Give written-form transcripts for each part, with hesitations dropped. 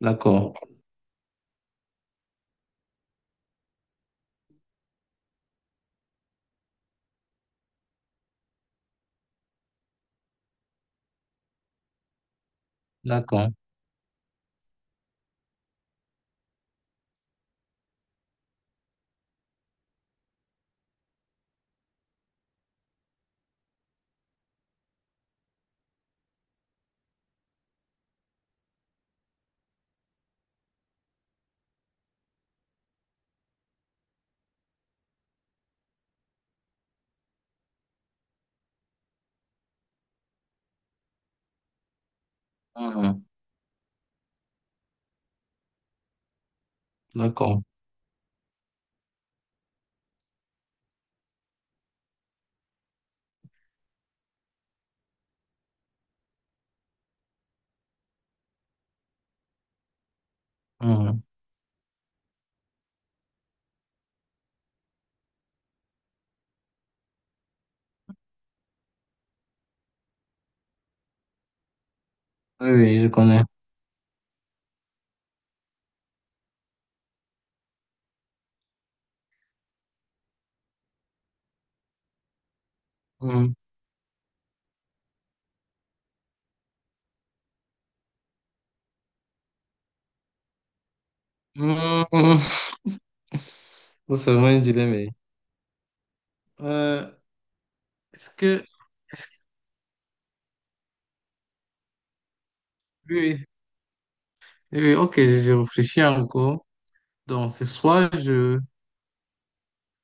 D'accord, d'accord, mhm. D'accord. Mhm. Oui, oui, je connais. Mhm. Mhm. C'est vraiment un dilemme, eh. Euh, est-ce que, est-ce que- oui, oui, oui, oui, ok, je réfléchis encore. Donc, c'est soit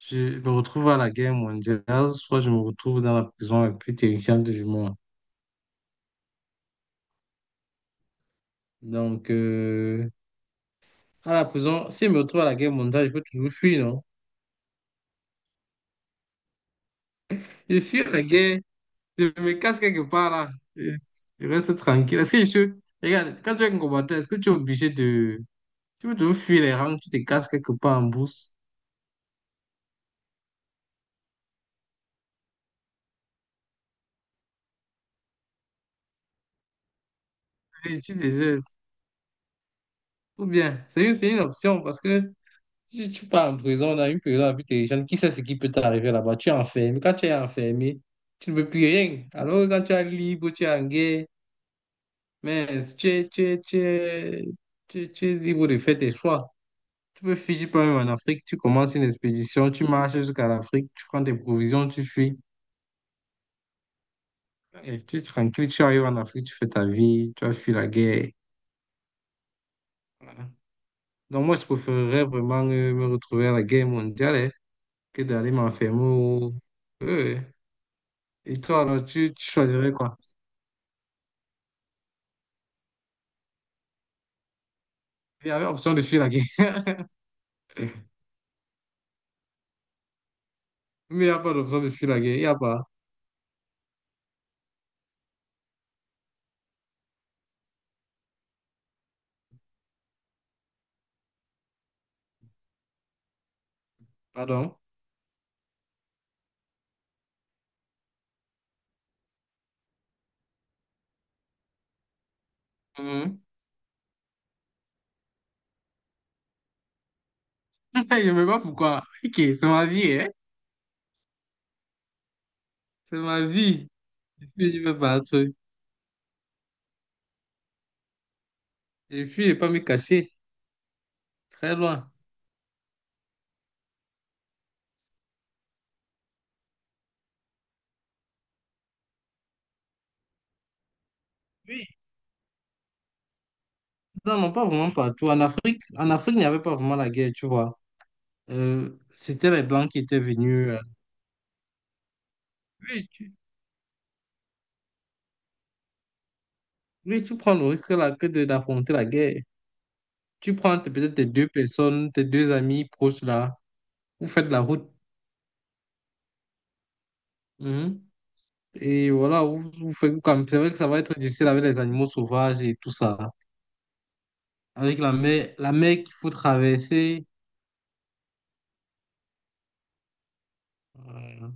je me retrouve à la guerre mondiale, soit je me retrouve dans la prison la plus terrifiante du monde. Donc, à la prison, si je me retrouve à la guerre mondiale, je peux toujours fuir, non? Je fuis la guerre, je me casse quelque part là. Je je reste tranquille. Est-ce que je suis. Regarde, quand tu es un combattant, est-ce que tu es obligé de. Tu veux toujours fuir les rangs, tu te casses quelque part en bourse. Et tu désires. Ou bien, c'est c'est une option parce que tu pars en prison, dans une prison la plus terrifiante, qui sait ce qui peut t'arriver là-bas? Tu es enfermé. Quand tu es enfermé, tu ne peux plus rien. Alors que quand tu es libre, tu es en guerre, mais tu es, tu es, tu es, tu es libre de faire tes choix. Tu peux fuir, tu peux même en Afrique, tu commences une expédition, tu marches jusqu'à l'Afrique, tu prends tes provisions, tu fuis. Et tu es tranquille, tu arrives en Afrique, tu fais ta vie, tu as fui la guerre. Voilà. Donc moi, je préférerais vraiment me retrouver à la guerre mondiale hein, que d'aller m'enfermer au... Euh, Et toi, alors, tu choisirais quoi? Il y avait option de fuir la guerre. Mais il n'y a pas d'option de fuir la guerre, il n'y a pas. Pardon? Mhm. Je ne sais pas pourquoi. Ok, c'est ma vie, hein? C'est ma vie. Je fuis, je ne veux pas un truc. Je fuis, je ne vais pas me cacher. Très loin. Oui. Non, non, pas vraiment partout. En Afrique, il n'y avait pas vraiment la guerre, tu vois. Euh, c'était les Blancs qui étaient venus. Oui, tu, oui, tu prends le risque là que d'affronter la guerre. Tu prends peut-être tes deux personnes, tes deux amis proches là, vous faites la route. Mhm. Et voilà, vous faites comme. C'est vrai que ça va être difficile avec les animaux sauvages et tout ça. Avec la mer qu'il faut traverser. euh,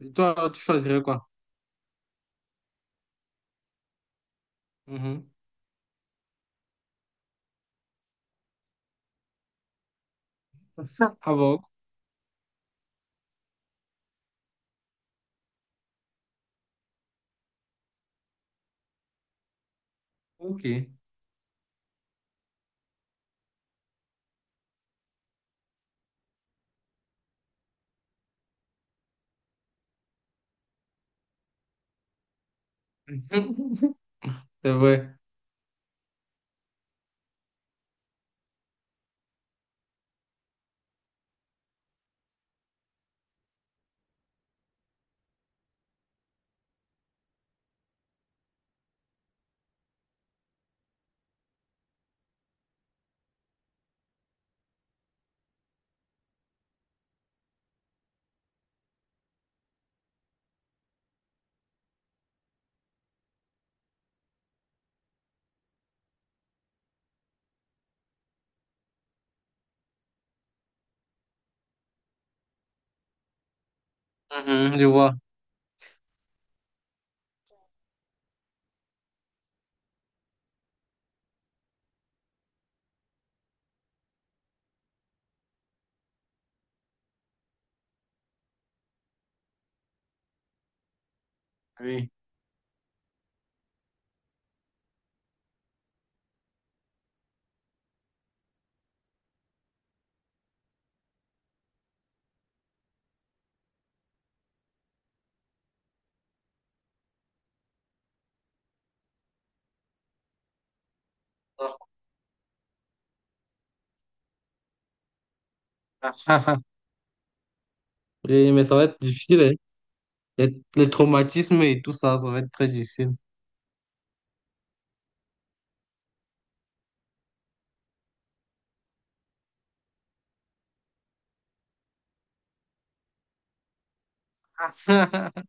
et toi, tu choisirais quoi? Mhm. Ah bon, ok. C'est vrai. Mhm, je vois. Oui. Et- mais ça va être difficile, hein. Les traumatismes et tout ça, ça va être très difficile.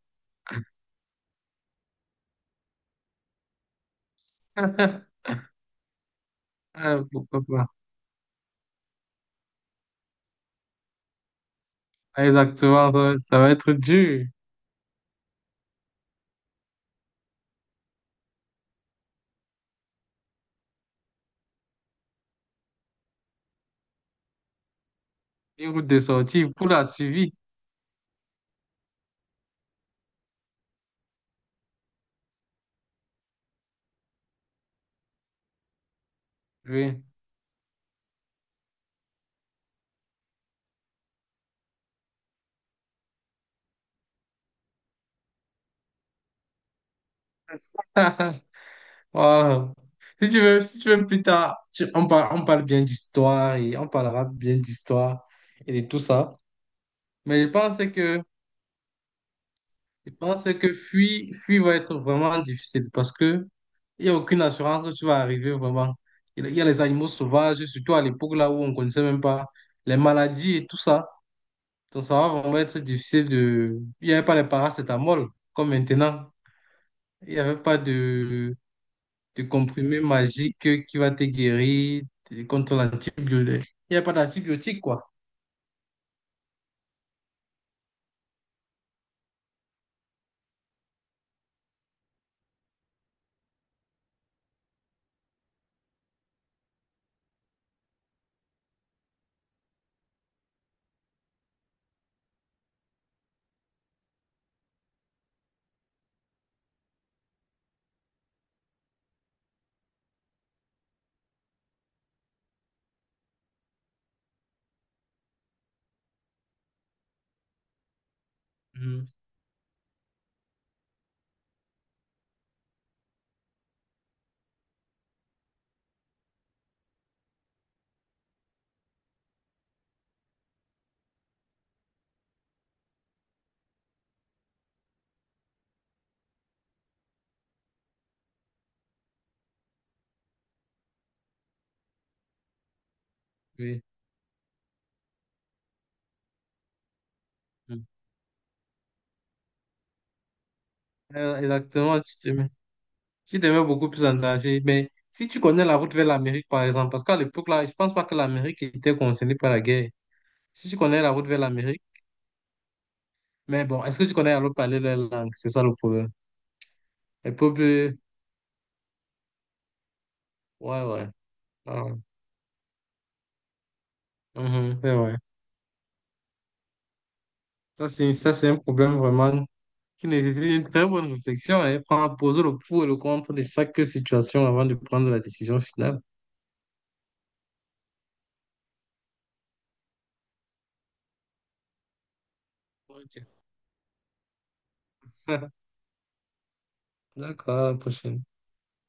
Pourquoi pas? Ah, exactement, ça va être dur. Une route de sortie pour la suivi. Oui. Wow. Si tu veux, si tu veux plus tard, on parle bien d'histoire et on parlera bien d'histoire et de tout ça. Mais je pense que fuir va être vraiment difficile parce que Il n'y a aucune assurance que tu vas arriver vraiment. Il y a les animaux sauvages, surtout à l'époque là où on ne connaissait même pas les maladies et tout ça. Donc ça va vraiment être difficile de... Il n'y avait pas les paracétamol comme maintenant. Il n'y avait pas de comprimé magique qui va te guérir contre l'antibiotique. Il n'y a pas d'antibiotique quoi. Mhm, oui. Mhm. Exactement, tu te mets beaucoup plus en danger. Mais si tu connais la route vers l'Amérique par exemple, parce qu'à l'époque là, je pense pas que l'Amérique était concernée par la guerre. Si tu connais la route vers l'Amérique, mais bon, est-ce que tu connais à l'autre parler leur langue? C'est ça le problème. Les peuples, ouais, ouais. Ah ouais. Mhm, c'est vrai. Ça, c'est un problème vraiment qui nécessite une très bonne réflexion et prendre, poser le pour et le contre de chaque situation avant de prendre la décision finale. Ok. D'accord, à la prochaine.